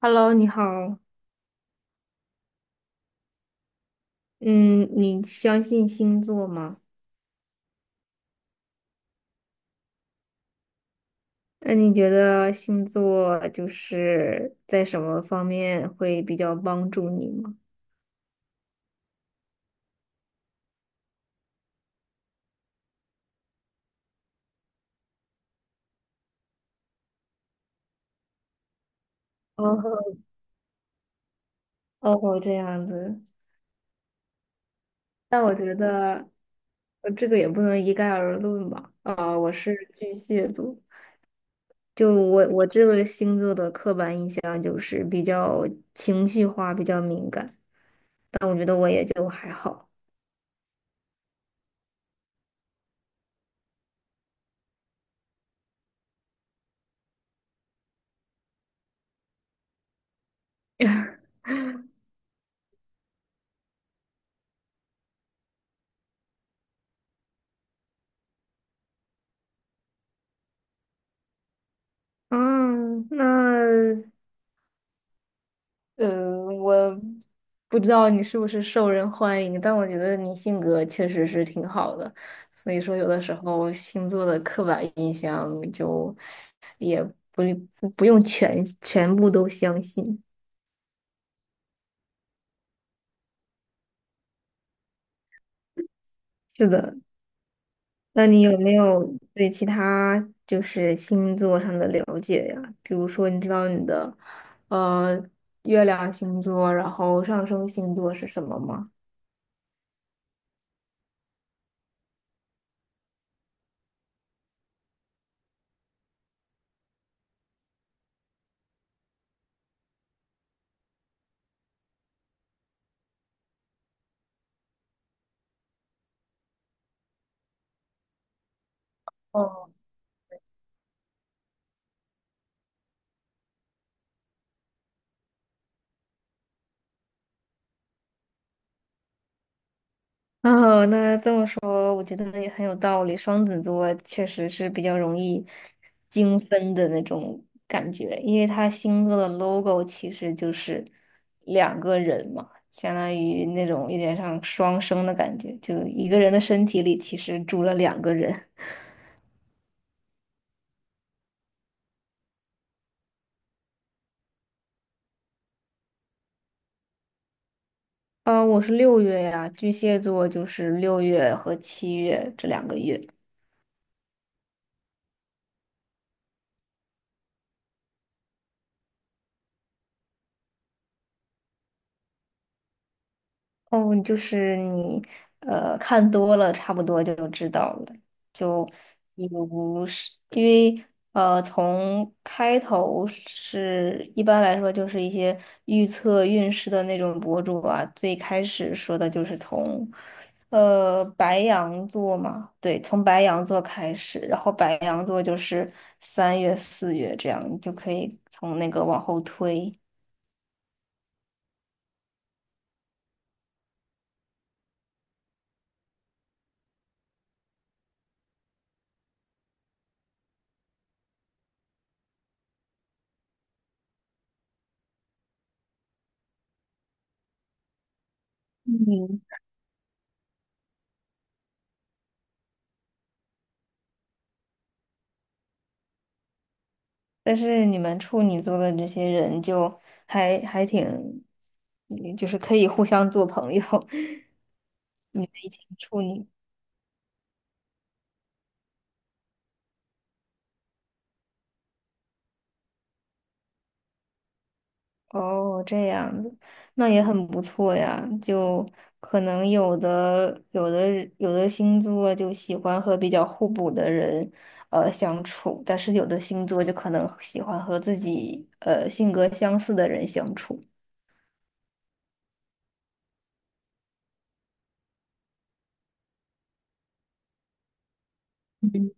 Hello，你好。嗯，你相信星座吗？那你觉得星座就是在什么方面会比较帮助你吗？哦哦，这样子。但我觉得，这个也不能一概而论吧。啊，我是巨蟹座，就我这个星座的刻板印象就是比较情绪化，比较敏感。但我觉得我也就还好。嗯，那呃，我不知道你是不是受人欢迎，但我觉得你性格确实是挺好的，所以说有的时候星座的刻板印象就不不用全部都相信。是的，那你有没有对其他就是星座上的了解呀？比如说，你知道你的呃月亮星座，然后上升星座是什么吗？哦。哦，那这么说，我觉得也很有道理。双子座确实是比较容易精分的那种感觉，因为它星座的 logo 其实就是两个人嘛，相当于那种有点像双生的感觉，就一个人的身体里其实住了两个人。我是6月呀，巨蟹座就是六月和7月这两个月。哦，就是你看多了，差不多就知道了。就比如是因为从开头是一般来说就是一些预测运势的那种博主啊，最开始说的就是从白羊座嘛，对，从白羊座开始，然后白羊座就是三月、4月这样，你就可以从那个往后推。嗯。但是你们处女座的这些人就还挺，嗯就是可以互相做朋友。你们一起处女，哦，这样子，那也很不错呀。就可能有的人有的星座就喜欢和比较互补的人相处，但是有的星座就可能喜欢和自己性格相似的人相处。嗯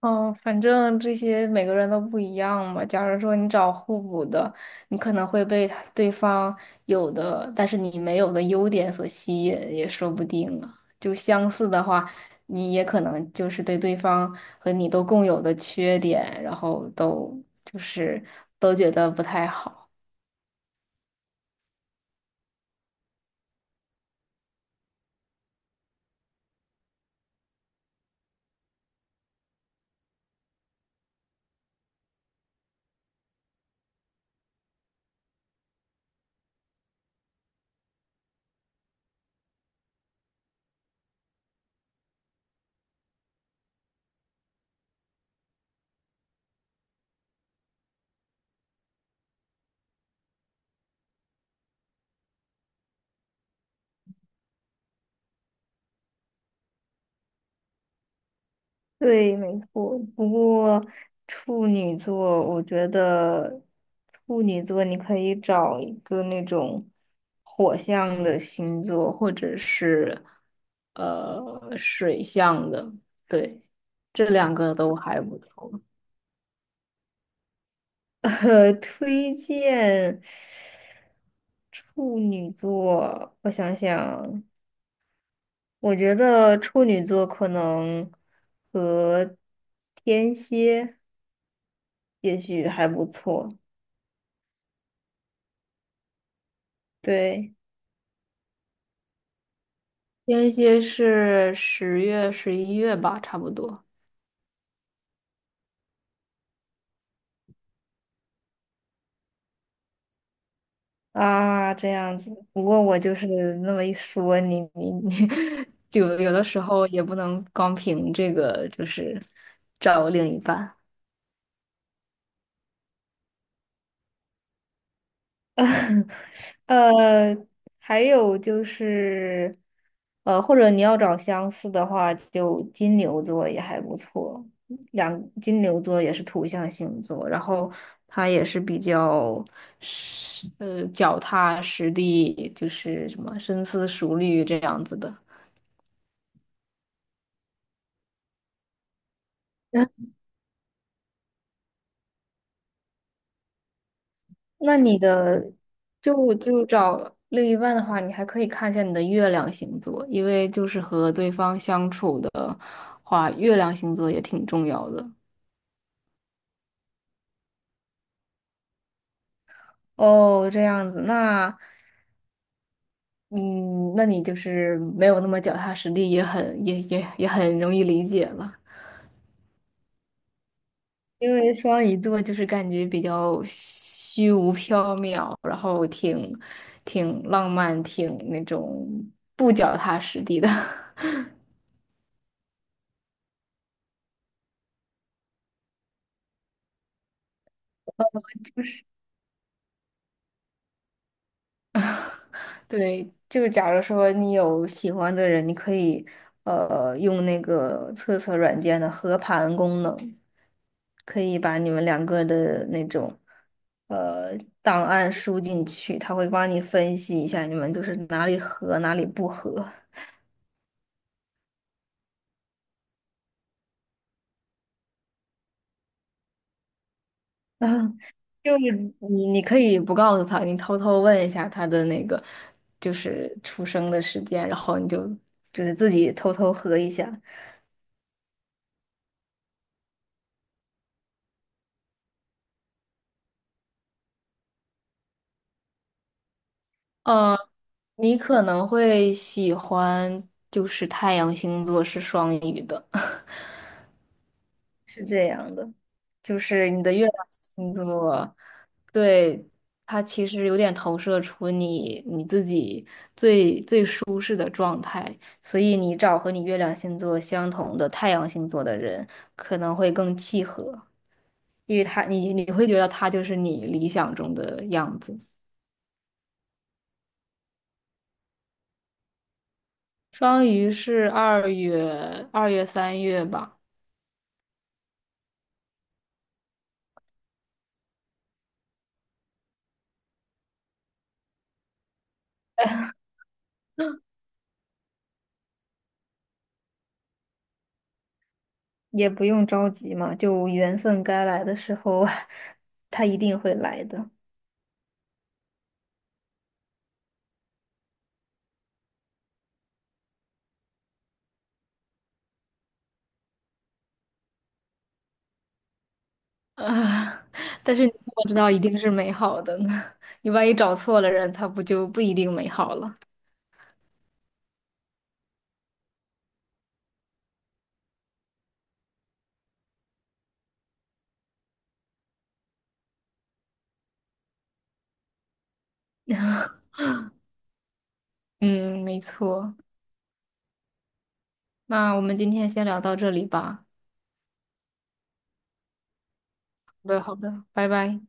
哦，反正这些每个人都不一样嘛。假如说你找互补的，你可能会被他对方有的，但是你没有的优点所吸引，也说不定啊。就相似的话，你也可能就是对对方和你都共有的缺点，然后都就是都觉得不太好。对，没错。不过处女座，我觉得处女座你可以找一个那种火象的星座，或者是水象的，对，这两个都还不错。推荐处女座，我想想，我觉得处女座可能和天蝎也许还不错。对天蝎是10月、11月吧，差不多。啊，这样子。不过我就是那么一说，你，就有的时候也不能光凭这个，就是找另一半。呃，还有就是，或者你要找相似的话，就金牛座也还不错。两金牛座也是土象星座，然后它也是比较实，脚踏实地，就是什么深思熟虑这样子的。那那你的就找另一半的话，你还可以看一下你的月亮星座，因为就是和对方相处的。话，月亮星座也挺重要的。哦，这样子，那嗯，那你就是没有那么脚踏实地，也很容易理解了。因为双鱼座就是感觉比较虚无缥缈，然后挺浪漫，挺那种不脚踏实地的。对，就假如说你有喜欢的人，你可以用那个测测软件的合盘功能，可以把你们两个的那种呃档案输进去，他会帮你分析一下你们就是哪里合哪里不合。啊，就是你可以不告诉他，你偷偷问一下他的那个就是出生的时间，然后你就是自己偷偷合一下。呃，你可能会喜欢，就是太阳星座是双鱼的，是这样的，就是你的月亮星座，对，它其实有点投射出你自己最最舒适的状态，所以你找和你月亮星座相同的太阳星座的人可能会更契合，因为他你会觉得他就是你理想中的样子。双鱼是二月三月吧。也不用着急嘛，就缘分该来的时候，他一定会来的。啊，但是你怎么知道一定是美好的呢？你万一找错了人，他不就不一定美好了？嗯，没错。那我们今天先聊到这里吧。好的，好的，拜拜。